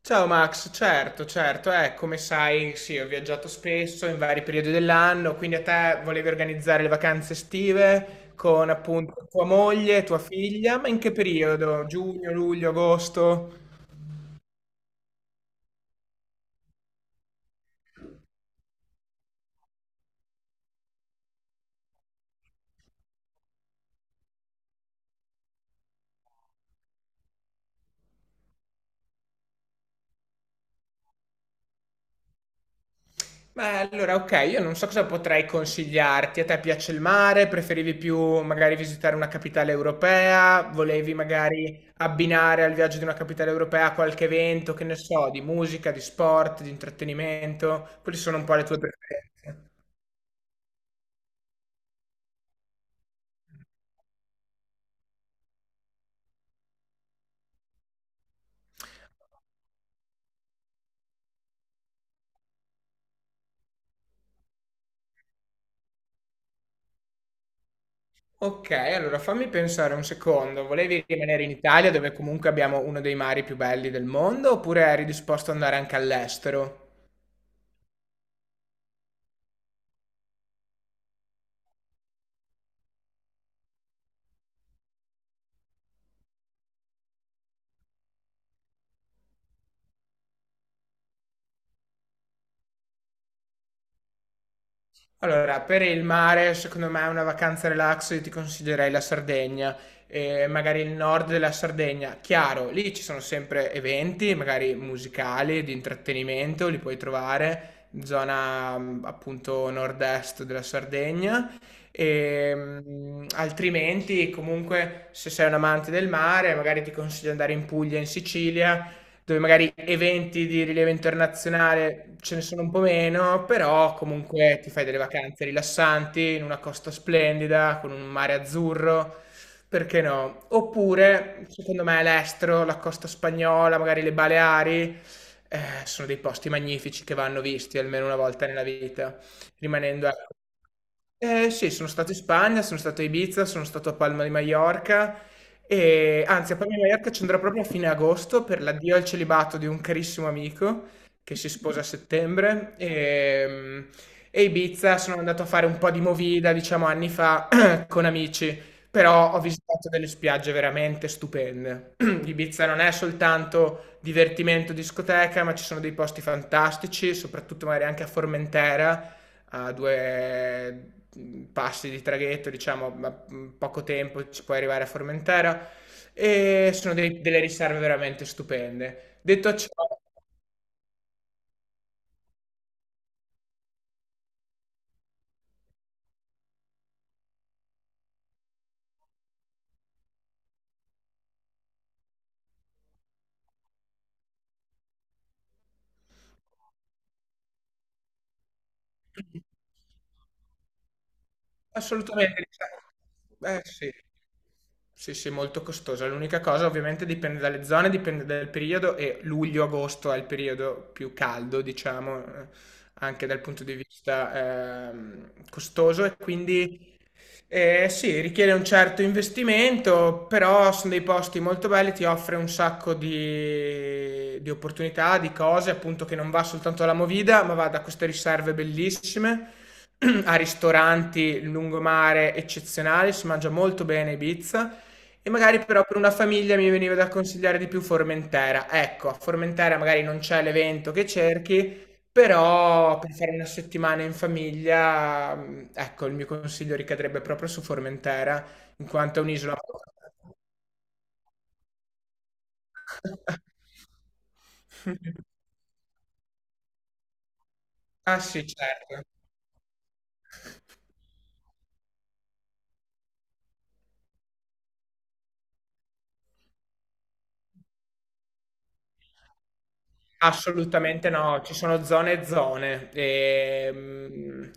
Ciao Max, certo, certo, come sai, sì, ho viaggiato spesso in vari periodi dell'anno, quindi a te volevi organizzare le vacanze estive con appunto tua moglie, tua figlia, ma in che periodo? Giugno, luglio, agosto? Beh, allora, ok, io non so cosa potrei consigliarti. A te piace il mare? Preferivi più magari visitare una capitale europea? Volevi magari abbinare al viaggio di una capitale europea qualche evento, che ne so, di musica, di sport, di intrattenimento? Quelle sono un po' le tue preferenze. Ok, allora fammi pensare un secondo. Volevi rimanere in Italia, dove comunque abbiamo uno dei mari più belli del mondo, oppure eri disposto ad andare anche all'estero? Allora, per il mare, secondo me è una vacanza relax, io ti consiglierei la Sardegna, magari il nord della Sardegna. Chiaro, lì ci sono sempre eventi, magari musicali, di intrattenimento, li puoi trovare, zona appunto nord-est della Sardegna. E, altrimenti, comunque, se sei un amante del mare, magari ti consiglio di andare in Puglia, in Sicilia dove magari eventi di rilievo internazionale ce ne sono un po' meno, però comunque ti fai delle vacanze rilassanti in una costa splendida, con un mare azzurro, perché no? Oppure, secondo me, all'estero, la costa spagnola, magari le Baleari, sono dei posti magnifici che vanno visti almeno una volta nella vita, ecco, sì, sono stato in Spagna, sono stato a Ibiza, sono stato a Palma di Maiorca e anzi a Palma di Maiorca ci andrò proprio a fine agosto per l'addio al celibato di un carissimo amico che si sposa a settembre e Ibiza sono andato a fare un po' di movida, diciamo anni fa, con amici, però ho visitato delle spiagge veramente stupende. Ibiza non è soltanto divertimento, discoteca, ma ci sono dei posti fantastici, soprattutto magari anche a Formentera a due passi di traghetto, diciamo, ma poco tempo ci puoi arrivare a Formentera e sono delle riserve veramente stupende. Detto ciò, assolutamente. Diciamo. Eh sì. Sì, sì, molto costosa. L'unica cosa ovviamente dipende dalle zone, dipende dal periodo e luglio-agosto è il periodo più caldo, diciamo, anche dal punto di vista costoso e quindi sì, richiede un certo investimento, però sono dei posti molto belli, ti offre un sacco di opportunità, di cose, appunto che non va soltanto alla Movida, ma va da queste riserve bellissime a ristoranti, lungomare eccezionali, si mangia molto bene a Ibiza e magari però per una famiglia mi veniva da consigliare di più Formentera. Ecco, a Formentera magari non c'è l'evento che cerchi, però per fare una settimana in famiglia, ecco, il mio consiglio ricadrebbe proprio su Formentera, in quanto è un'isola. Ah sì, certo. Assolutamente no, ci sono zone e zone.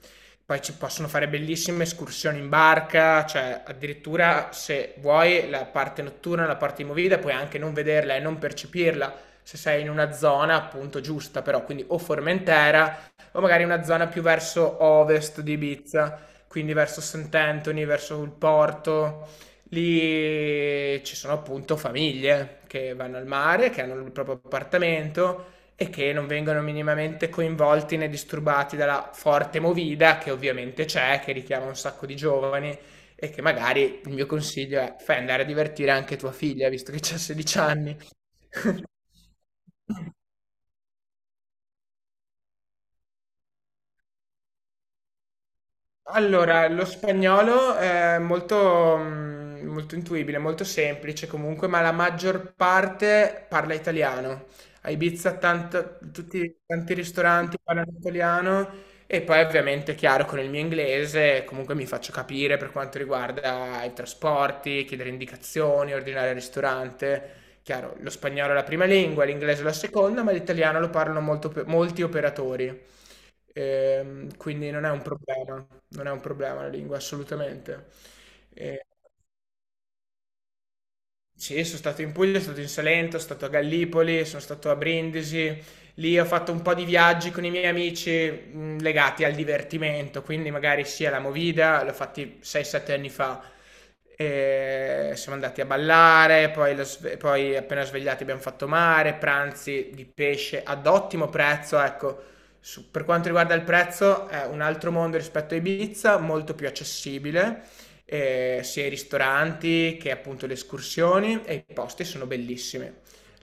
Poi ci possono fare bellissime escursioni in barca, cioè addirittura se vuoi la parte notturna, la parte di movida, puoi anche non vederla e non percepirla se sei in una zona appunto giusta, però quindi o Formentera o magari una zona più verso ovest di Ibiza, quindi verso Sant'Anthony, verso il porto. Lì ci sono appunto famiglie che vanno al mare, che hanno il proprio appartamento e che non vengono minimamente coinvolti né disturbati dalla forte movida che ovviamente c'è, che richiama un sacco di giovani e che magari il mio consiglio è fai andare a divertire anche tua figlia, visto che c'ha 16 anni. Allora, lo spagnolo è molto, molto intuibile, molto semplice comunque, ma la maggior parte parla italiano. A Ibiza tutti, tanti ristoranti parlano italiano e poi ovviamente, chiaro, con il mio inglese comunque mi faccio capire per quanto riguarda i trasporti, chiedere indicazioni, ordinare al ristorante. Chiaro, lo spagnolo è la prima lingua, l'inglese è la seconda, ma l'italiano lo parlano molto molti operatori. Quindi non è un problema, non è un problema la lingua assolutamente. E- sì, sono stato in Puglia, sono stato in Salento, sono stato a Gallipoli, sono stato a Brindisi. Lì ho fatto un po' di viaggi con i miei amici legati al divertimento, quindi magari sia la movida, l'ho fatti 6-7 anni fa. E siamo andati a ballare, poi, poi appena svegliati abbiamo fatto mare, pranzi di pesce ad ottimo prezzo, ecco. Per quanto riguarda il prezzo, è un altro mondo rispetto a Ibiza, molto più accessibile sia i ristoranti che appunto le escursioni e i posti sono bellissimi.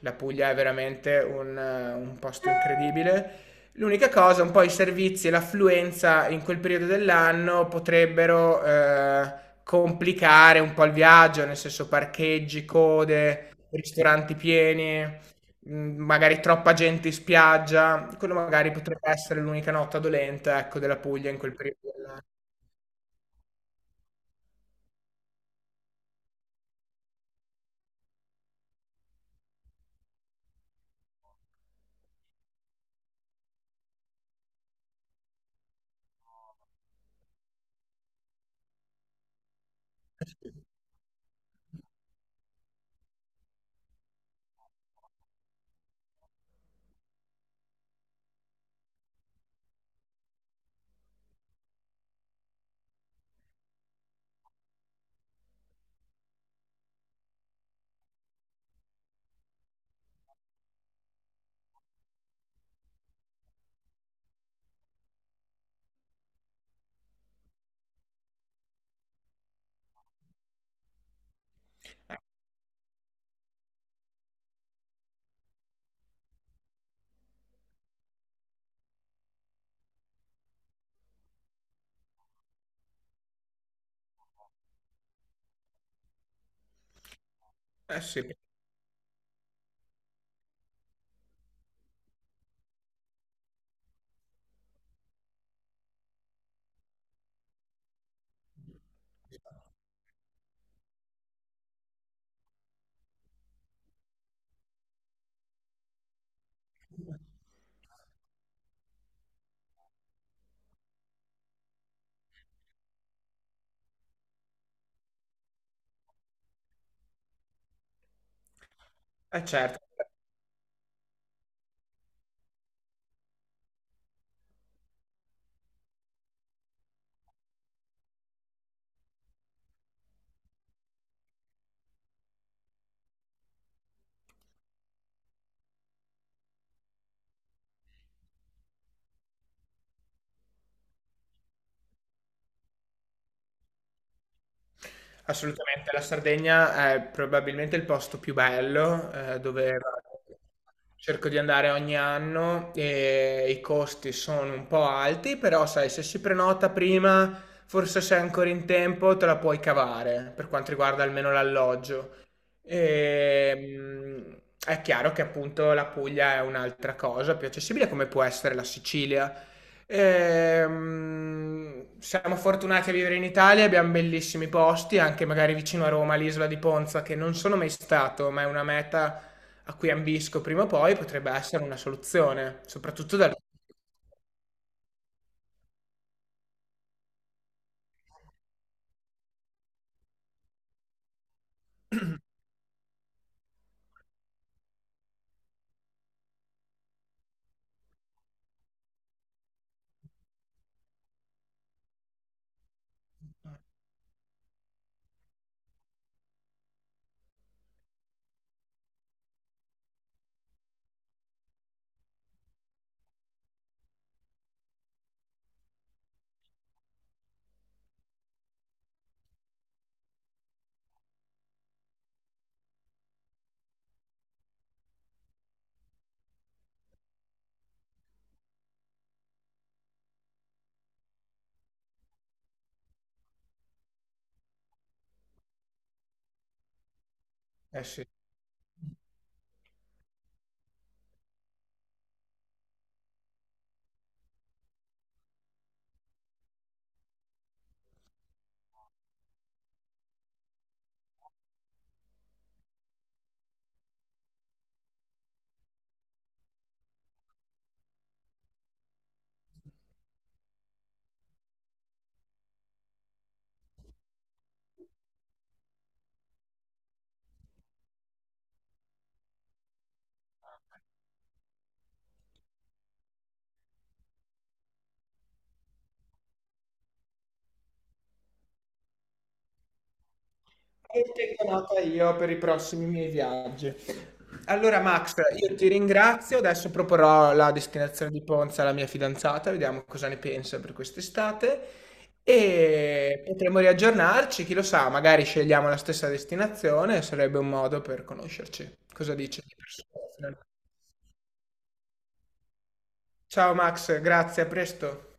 La Puglia è veramente un posto incredibile. L'unica cosa, un po' i servizi e l'affluenza in quel periodo dell'anno potrebbero complicare un po' il viaggio, nel senso parcheggi, code, ristoranti pieni, magari troppa gente in spiaggia. Quello magari potrebbe essere l'unica nota dolente, ecco, della Puglia in quel periodo dell'anno. Eh sì, eh certo. Assolutamente, la Sardegna è probabilmente il posto più bello, dove cerco di andare ogni anno e i costi sono un po' alti, però sai se si prenota prima, forse se è ancora in tempo te la puoi cavare, per quanto riguarda almeno l'alloggio. Ehm, è chiaro che appunto la Puglia è un'altra cosa, più accessibile come può essere la Sicilia. Siamo fortunati a vivere in Italia, abbiamo bellissimi posti, anche magari vicino a Roma, l'isola di Ponza, che non sono mai stato, ma è una meta a cui ambisco prima o poi, potrebbe essere una soluzione, soprattutto dal... eh sì. E tengo nota io per i prossimi miei viaggi. Allora, Max, io ti ringrazio. Adesso proporrò la destinazione di Ponza alla mia fidanzata, vediamo cosa ne pensa per quest'estate. E potremo riaggiornarci, chi lo sa, magari scegliamo la stessa destinazione, sarebbe un modo per conoscerci. Cosa dici? Di persona? Ciao Max, grazie, a presto.